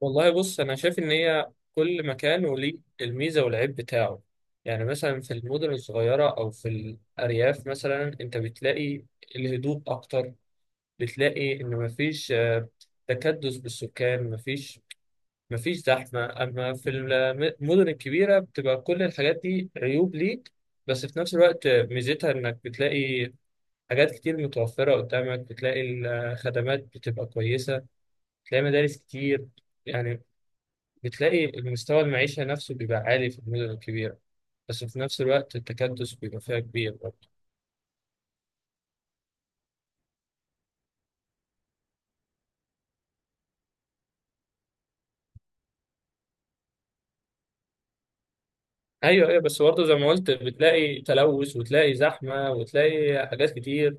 والله بص، انا شايف ان هي كل مكان وليه الميزه والعيب بتاعه. يعني مثلا في المدن الصغيره او في الارياف مثلا انت بتلاقي الهدوء اكتر. بتلاقي ان مفيش تكدس بالسكان، مفيش زحمه. اما في المدن الكبيره بتبقى كل الحاجات دي عيوب ليك، بس في نفس الوقت ميزتها انك بتلاقي حاجات كتير متوفره قدامك. بتلاقي الخدمات بتبقى كويسه، بتلاقي مدارس كتير. يعني بتلاقي المستوى المعيشة نفسه بيبقى عالي في المدن الكبيرة، بس في نفس الوقت التكدس بيبقى فيها كبير برضه. أيوه، أيوه، بس برضه زي ما قلت بتلاقي تلوث وتلاقي زحمة وتلاقي حاجات كتير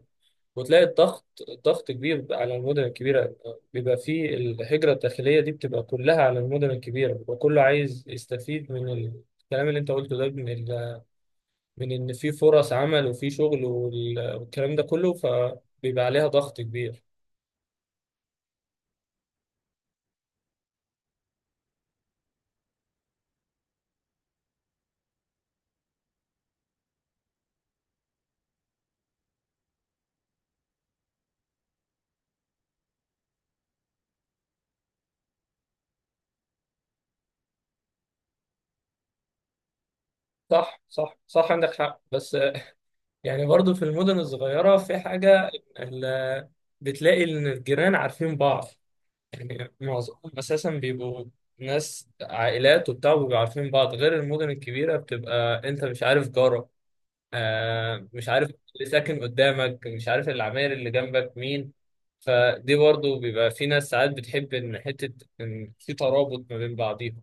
وتلاقي الضغط، ضغط كبير على المدن الكبيرة. بيبقى فيه الهجرة الداخلية دي بتبقى كلها على المدن الكبيرة، بيبقى كله عايز يستفيد من الكلام اللي أنت قلته ده، من إن في فرص عمل وفي شغل وال- والكلام ده كله، فبيبقى عليها ضغط كبير. صح، صح، صح، عندك حق. بس يعني برضو في المدن الصغيرة في حاجة، ال- بتلاقي إن الجيران عارفين بعض. يعني معظمهم أساسا بيبقوا ناس عائلات وبتاع وبيبقوا عارفين بعض، غير المدن الكبيرة بتبقى أنت مش عارف جارك، مش عارف اللي ساكن قدامك، مش عارف العماير اللي جنبك مين. فدي برضو بيبقى في ناس ساعات بتحب إن حتة إن في ترابط ما بين بعضيهم.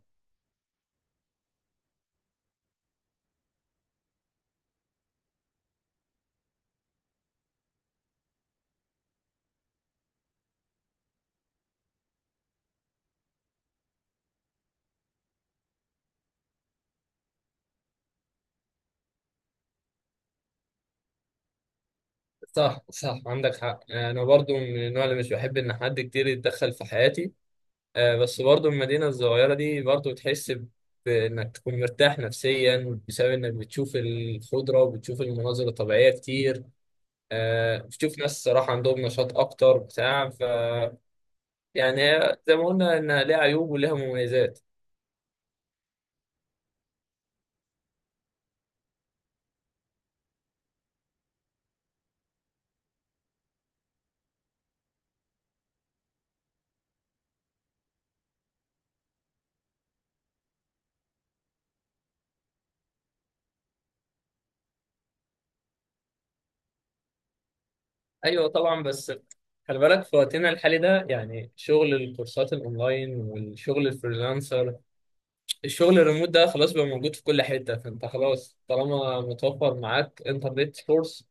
صح، صح، عندك حق. أنا برضو من النوع اللي مش بحب إن حد كتير يتدخل في حياتي. آه، بس برضه المدينة الصغيرة دي برضه تحس بإنك تكون مرتاح نفسيا بسبب إنك بتشوف الخضرة وبتشوف المناظر الطبيعية كتير. بتشوف ناس صراحة عندهم نشاط أكتر بتاع ف يعني هي زي ما قلنا إنها ليها عيوب وليها مميزات. أيوة، طبعا. بس خلي بالك في وقتنا الحالي ده، يعني شغل الكورسات الأونلاين والشغل الفريلانسر، الشغل الريموت ده خلاص بقى موجود في كل حتة. فأنت خلاص طالما متوفر معاك انترنت سورس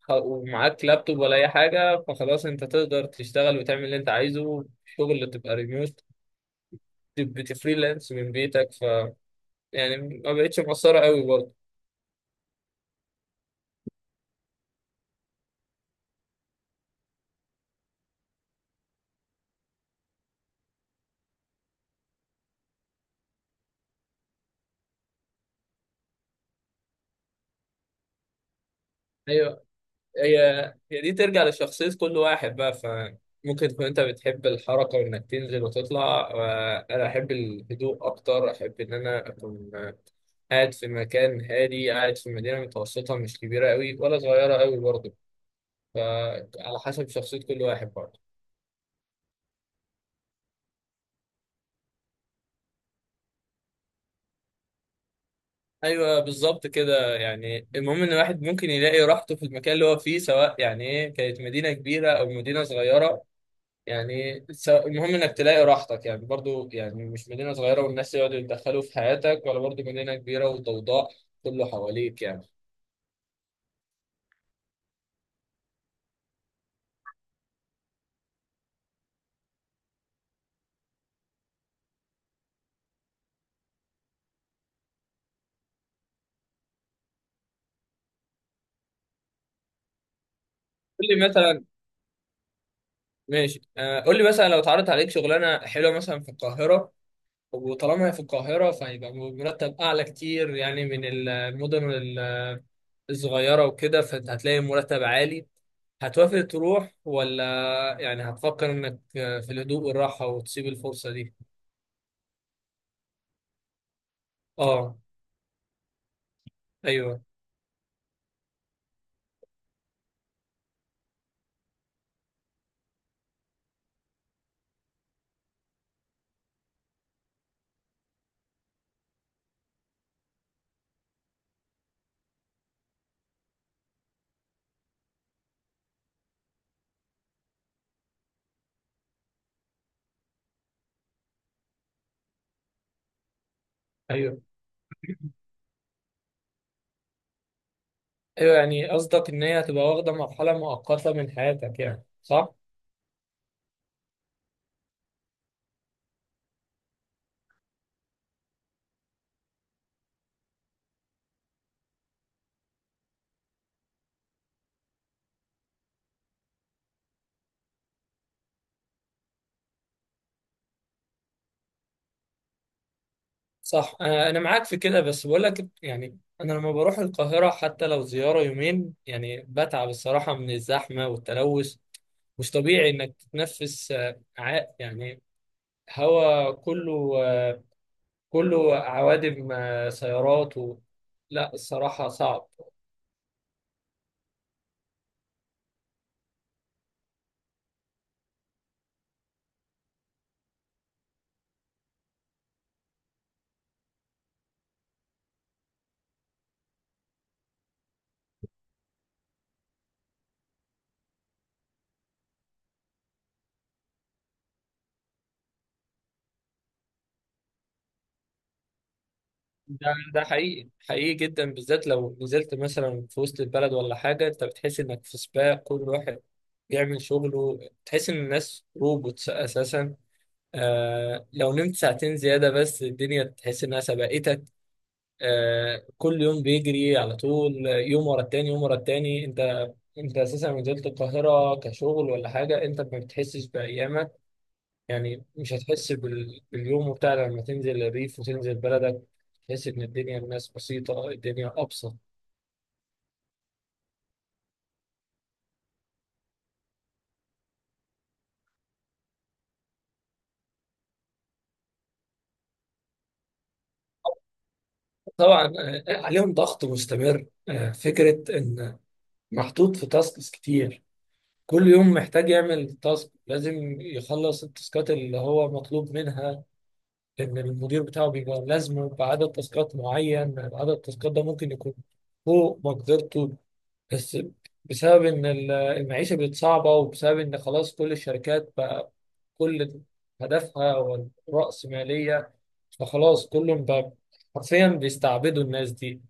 ومعاك لابتوب ولا اي حاجه، فخلاص انت تقدر تشتغل وتعمل اللي انت عايزه. شغل تبقى ريموت، بتفريلانس من بيتك، ف يعني ما بقتش مقصره قوي برضه. ايوه. هي هي دي ترجع لشخصيه كل واحد بقى. ف ممكن تكون انت بتحب الحركه وانك تنزل وتطلع، انا احب الهدوء اكتر. احب ان انا اكون قاعد في مكان هادي، قاعد في مدينه متوسطه، مش كبيره قوي ولا صغيره قوي برضه. فعلى حسب شخصيه كل واحد برضه. ايوه، بالظبط كده. يعني المهم ان الواحد ممكن يلاقي راحته في المكان اللي هو فيه، سواء يعني ايه كانت مدينه كبيره او مدينه صغيره. يعني المهم انك تلاقي راحتك، يعني برضو يعني مش مدينه صغيره والناس يقعدوا يتدخلوا في حياتك، ولا برضو مدينه كبيره وضوضاء كله حواليك يعني. قول لي مثلا. ماشي، آه، قول لي مثلا، لو اتعرضت عليك شغلانه حلوه مثلا في القاهره، وطالما هي في القاهره فهيبقى مرتب اعلى كتير يعني من المدن الصغيره وكده، فهتلاقي مرتب عالي، هتوافق تروح ولا يعني هتفكر انك في الهدوء والراحة وتسيب الفرصة دي؟ اه، ايوه. ايوه، ايوه، يعني قصدك ان هي هتبقى واخدة مرحلة مؤقتة من حياتك يعني، صح؟ صح. انا معاك في كده، بس بقول لك يعني انا لما بروح القاهرة حتى لو زيارة يومين يعني بتعب الصراحة من الزحمة والتلوث. مش طبيعي انك تتنفس، يعني هوا كله، كله عوادم، سيارات لا، الصراحة صعب. ده حقيقي، حقيقي جدا، بالذات لو نزلت مثلا في وسط البلد ولا حاجة. انت بتحس انك في سباق، كل واحد بيعمل شغله. تحس ان الناس روبوتس اساسا. لو نمت ساعتين زيادة بس الدنيا تحس انها سبقتك. كل يوم بيجري على طول، يوم ورا التاني يوم ورا التاني. انت اساسا لو نزلت القاهرة كشغل ولا حاجة انت ما بتحسش بأيامك. يعني مش هتحس باليوم بتاع لما تنزل الريف وتنزل بلدك. تحس إن الدنيا، الناس بسيطة، الدنيا أبسط. طبعا، عليهم ضغط مستمر. فكرة إن محطوط في تاسكس كتير، كل يوم محتاج يعمل تاسك، لازم يخلص التاسكات اللي هو مطلوب منها. إن المدير بتاعه بيبقى لازمه بعدد تاسكات معين، عدد التاسكات ده ممكن يكون فوق مقدرته. بس بسبب ان المعيشه بقت صعبه، وبسبب ان خلاص كل الشركات بقى كل هدفها هو الرأسمالية. فخلاص كلهم بقى حرفيا بيستعبدوا الناس دي.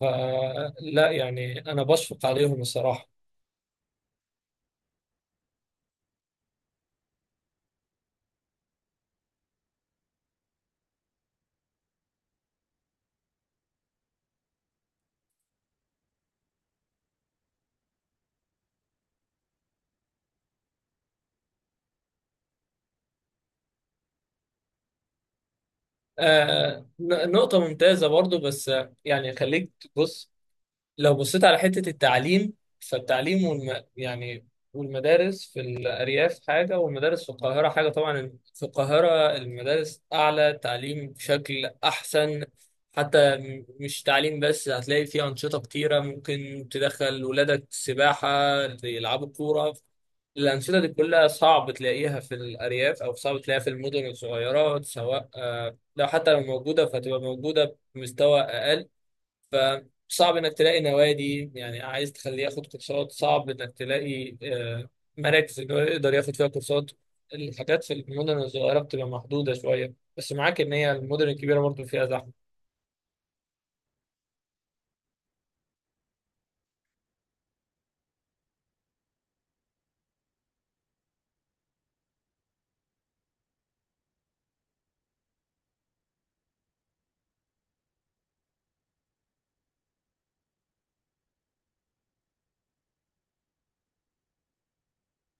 فلا، يعني انا بشفق عليهم الصراحه. آه، نقطه ممتازه برضو. بس يعني خليك تبص، لو بصيت على حتة التعليم، فالتعليم يعني والمدارس في الأرياف حاجة والمدارس في القاهرة حاجة. طبعا في القاهرة المدارس أعلى تعليم بشكل أحسن. حتى مش تعليم بس، هتلاقي فيه أنشطة كتيرة، ممكن تدخل ولادك سباحة، يلعبوا كورة. الأنشطة دي كلها صعب تلاقيها في الأرياف أو صعب تلاقيها في المدن الصغيرة، سواء لو حتى لو موجودة فهتبقى موجودة بمستوى أقل. فصعب انك تلاقي نوادي، يعني عايز تخليه ياخد كورسات، صعب انك تلاقي مراكز ان هو يقدر ياخد فيها كورسات. الحاجات في المدن الصغيره بتبقى محدوده شويه، بس معاك ان هي المدن الكبيره برضو فيها زحمه.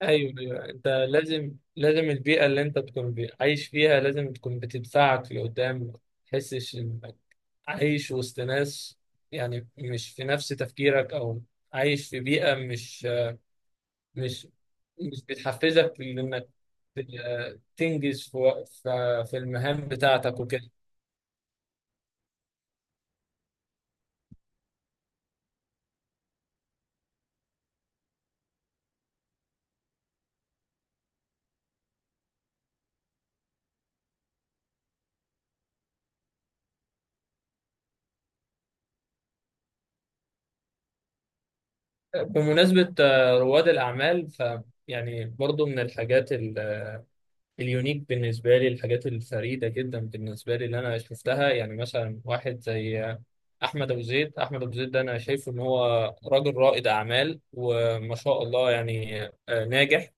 ايوه، ايوه. انت لازم البيئه اللي انت تكون عايش فيها لازم تكون بتدفعك لقدام ما تحسش انك عايش وسط ناس يعني مش في نفس تفكيرك، او عايش في بيئه مش مش بتحفزك لانك تنجز في المهام بتاعتك وكده. بمناسبة رواد الأعمال، ف يعني برضو من الحاجات اليونيك بالنسبة لي، الحاجات الفريدة جدا بالنسبة لي اللي أنا شفتها، يعني مثلا واحد زي أحمد أبو زيد، أحمد أبو زيد ده أنا شايفه إن هو راجل رائد أعمال وما شاء الله، يعني ناجح.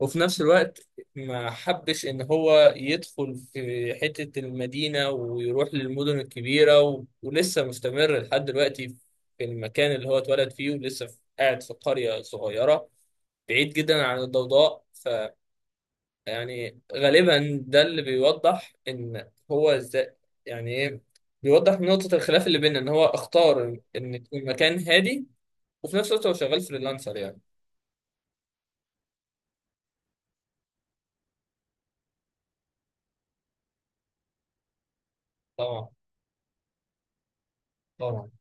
وفي نفس الوقت ما حبش ان هو يدخل في حتة المدينة ويروح للمدن الكبيرة ولسه مستمر لحد دلوقتي في المكان اللي هو اتولد فيه، ولسه قاعد في قرية صغيرة بعيد جدا عن الضوضاء. فيعني غالبا ده اللي بيوضح ان هو ازاي، يعني ايه، بيوضح نقطة الخلاف اللي بيننا ان هو اختار ان يكون مكان هادي، وفي نفس الوقت هو شغال فريلانسر يعني. طبعا، طبعا.